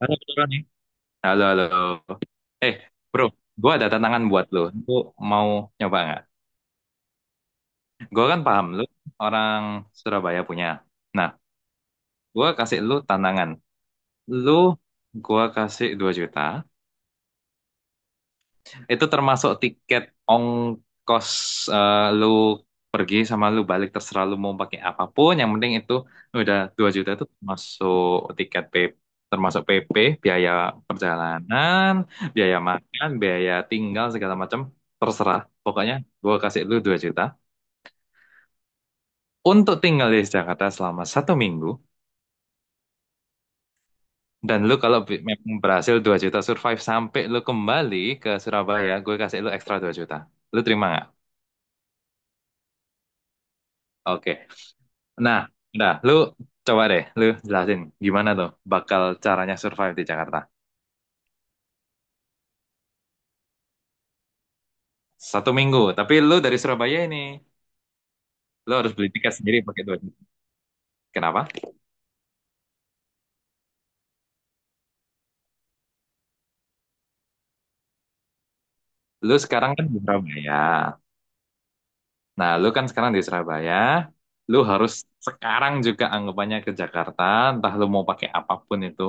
Halo, beneran nih. Halo, halo. Eh, bro, gue ada tantangan buat lo. Lo mau nyoba nggak? Gue kan paham lo orang Surabaya punya. Nah, gue kasih lo tantangan. Lo, gue kasih 2 juta. Itu termasuk tiket ongkos lu pergi sama lu balik terserah lu mau pakai apapun. Yang penting itu udah 2 juta itu termasuk tiket P termasuk PP, biaya perjalanan, biaya makan, biaya tinggal segala macam terserah. Pokoknya gua kasih lu 2 juta untuk tinggal di Jakarta selama satu minggu. Dan lu kalau memang berhasil 2 juta survive sampai lu kembali ke Surabaya, gue kasih lu ekstra 2 juta. Lu terima nggak? Oke. Nah, udah, lu coba deh, lu jelasin gimana tuh bakal caranya survive di Jakarta. Satu minggu, tapi lu dari Surabaya ini, lu harus beli tiket sendiri pakai duit. Kenapa? Lu sekarang kan di Surabaya. Nah, lu kan sekarang di Surabaya, lu harus sekarang juga anggapannya ke Jakarta, entah lu mau pakai apapun itu.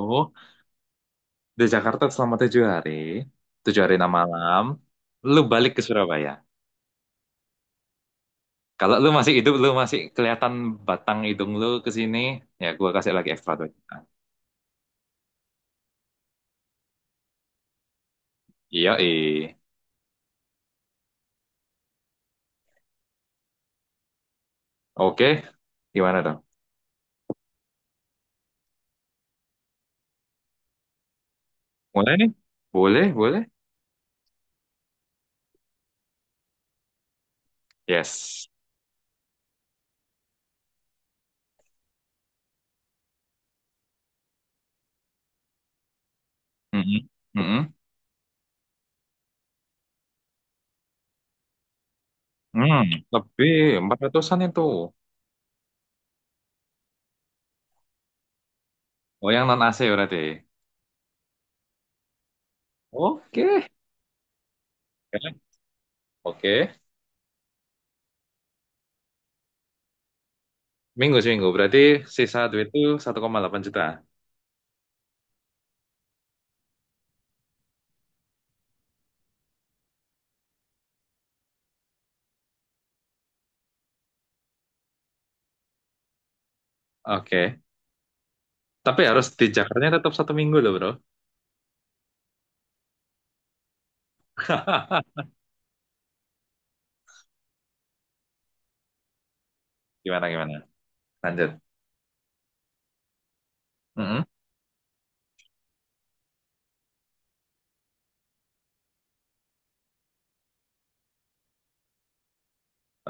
Di Jakarta selama 7 hari, 7 hari 6 malam, lu balik ke Surabaya. Kalau lu masih hidup, lu masih kelihatan batang hidung lu ke sini, ya gua kasih lagi ekstra duit. Iya, eh. Oke, gimana dong? Mulai nih? Boleh, boleh. Yes. Mm-mm. Mm-mm. Hmm, lebih 400-an itu. Oh, yang non-AC berarti. Oke. Oke. Oke. Minggu seminggu, berarti sisa duit itu 1,8 juta. Oke. Tapi harus di Jakarta tetap satu minggu loh, bro. Gimana, gimana? Lanjut. Mm-mm.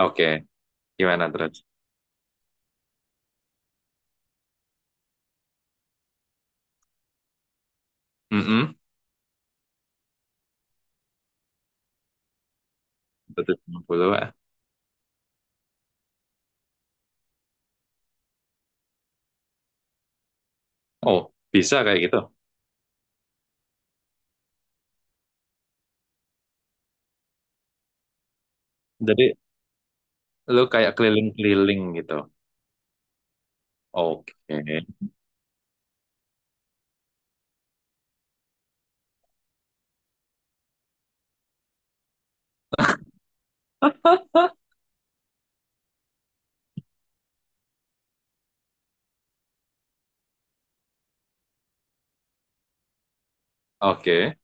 Oke. Gimana terus? Mm-mm. 150. Oh, bisa kayak gitu. Jadi, lu kayak keliling-keliling gitu. Oke. Oke.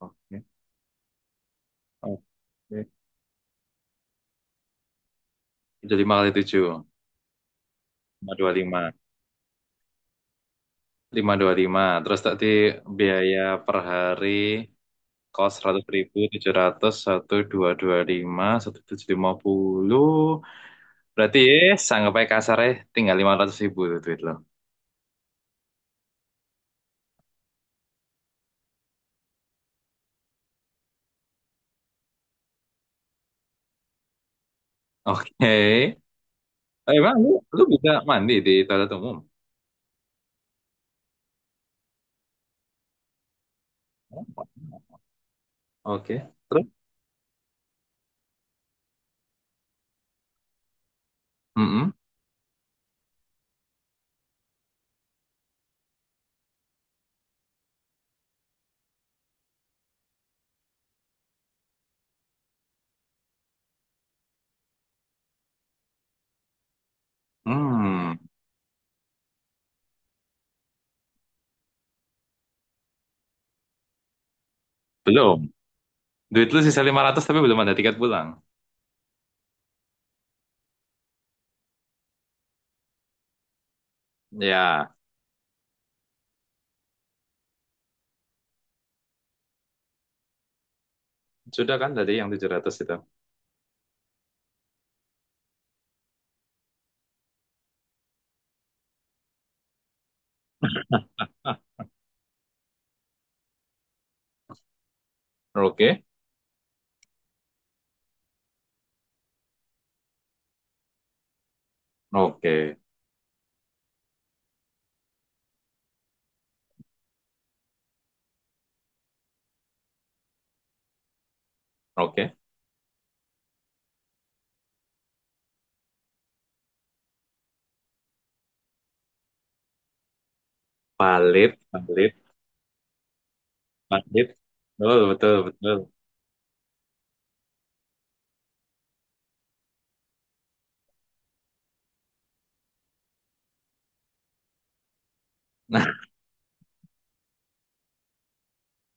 Oke. Oke. Jadi 5 kali 7. 525. 525. Terus tadi biaya per hari kos 100 ribu 700 satu 225 satu 750. Berarti sanggup aja kasar tinggal 500 ribu tuh duit lo. Oke. Emang lu bisa mandi di toilet umum? Oke. Terus? Mm-mm. Hmm. Belum. Duit lu sisa 500 tapi belum ada tiket pulang. Ya, sudah kan tadi yang 700 itu. Ah, oke, oke, oke. Valid, valid, valid. Betul, betul, betul. Nah,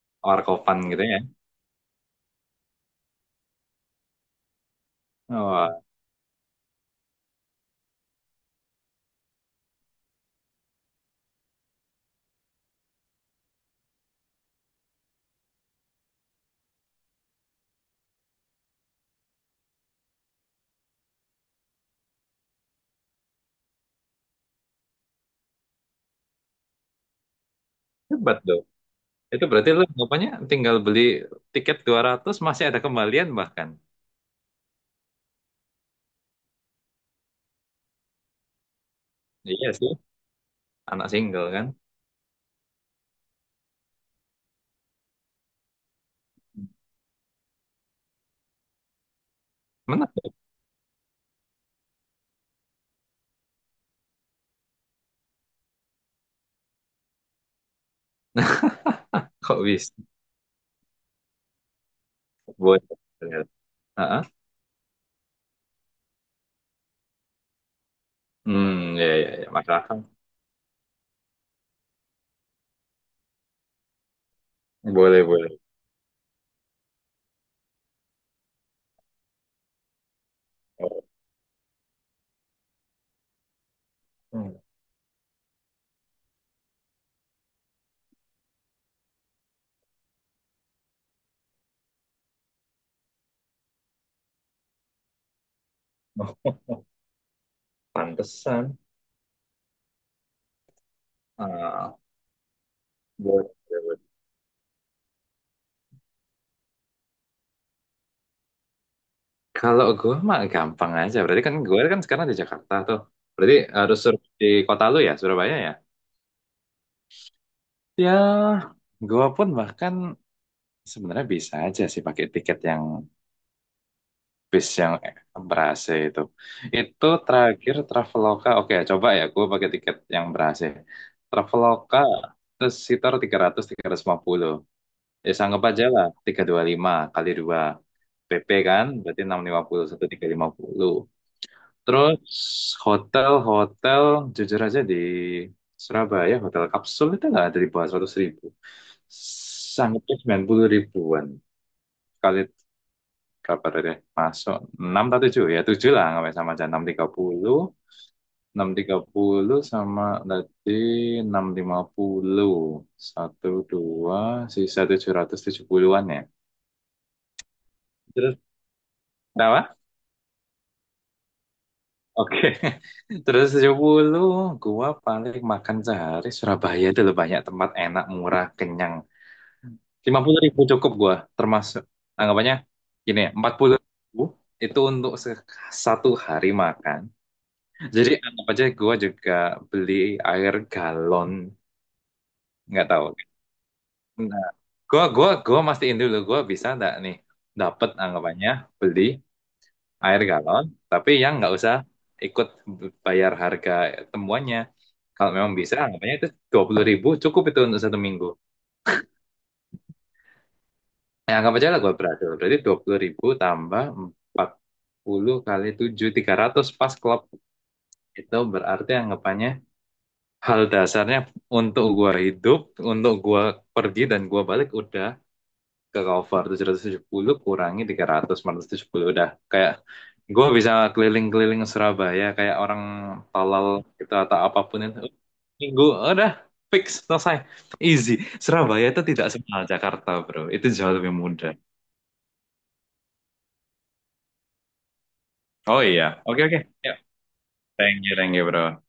warkopan gitu ya. Wah, hebat tuh. Itu berarti lo anggapannya tinggal beli tiket 200 masih ada kembalian bahkan. Iya sih, anak single kan. Mana? Kok bisa? Boleh. Heeh. Hmm, ya, ya, ya. Masuk akal. Boleh, boleh. Oh, hmm. Oh, pantesan. Ah, boleh. Kalau gue mah gampang aja. Berarti kan gue kan sekarang di Jakarta tuh. Berarti harus di kota lu ya, Surabaya ya? Ya, gue pun bahkan sebenarnya bisa aja sih pakai tiket yang bis yang berase itu. Itu terakhir Traveloka. Oke, coba ya gue pakai tiket yang berase. Traveloka terus sekitar 300 350. Ya sanggup aja lah 325 kali 2. PP kan berarti 650 1.350. Terus hotel-hotel jujur aja di Surabaya hotel kapsul itu nggak ada di bawah 100 ribu. Sangatnya 90 ribuan. Kali berapa tadi? Masuk 6 atau 7 ya 7 lah nggak sama aja 630 630 sama tadi 650 1, 2, sisa 770-an ya. Terus apa? Oke, terus 70 gua paling makan sehari Surabaya itu loh banyak tempat enak, murah, kenyang. 50 ribu cukup gua termasuk anggapannya gini ya, 40 ribu itu untuk satu hari makan. Jadi anggap aja gua juga beli air galon, nggak tahu. Nah, gua mastiin dulu gua bisa nggak nih dapat anggapannya beli air galon, tapi yang nggak usah ikut bayar harga temuannya. Kalau memang bisa, anggapannya itu 20 ribu cukup itu untuk satu minggu. Ya, anggap aja lah gue berhasil. Berarti 20 ribu tambah 40 kali 7 300 pas klub. Itu berarti anggapannya hal dasarnya untuk gue hidup, untuk gue pergi dan gue balik udah ke cover tujuh 770 kurangi 300, 470 udah kayak gue bisa keliling-keliling Surabaya kayak orang tolol gitu atau apapun itu. Gue udah fix selesai. Easy. Surabaya itu tidak semahal Jakarta, bro. Itu jauh lebih mudah. Oh iya. Oke, oke. Ya, thank you, bro.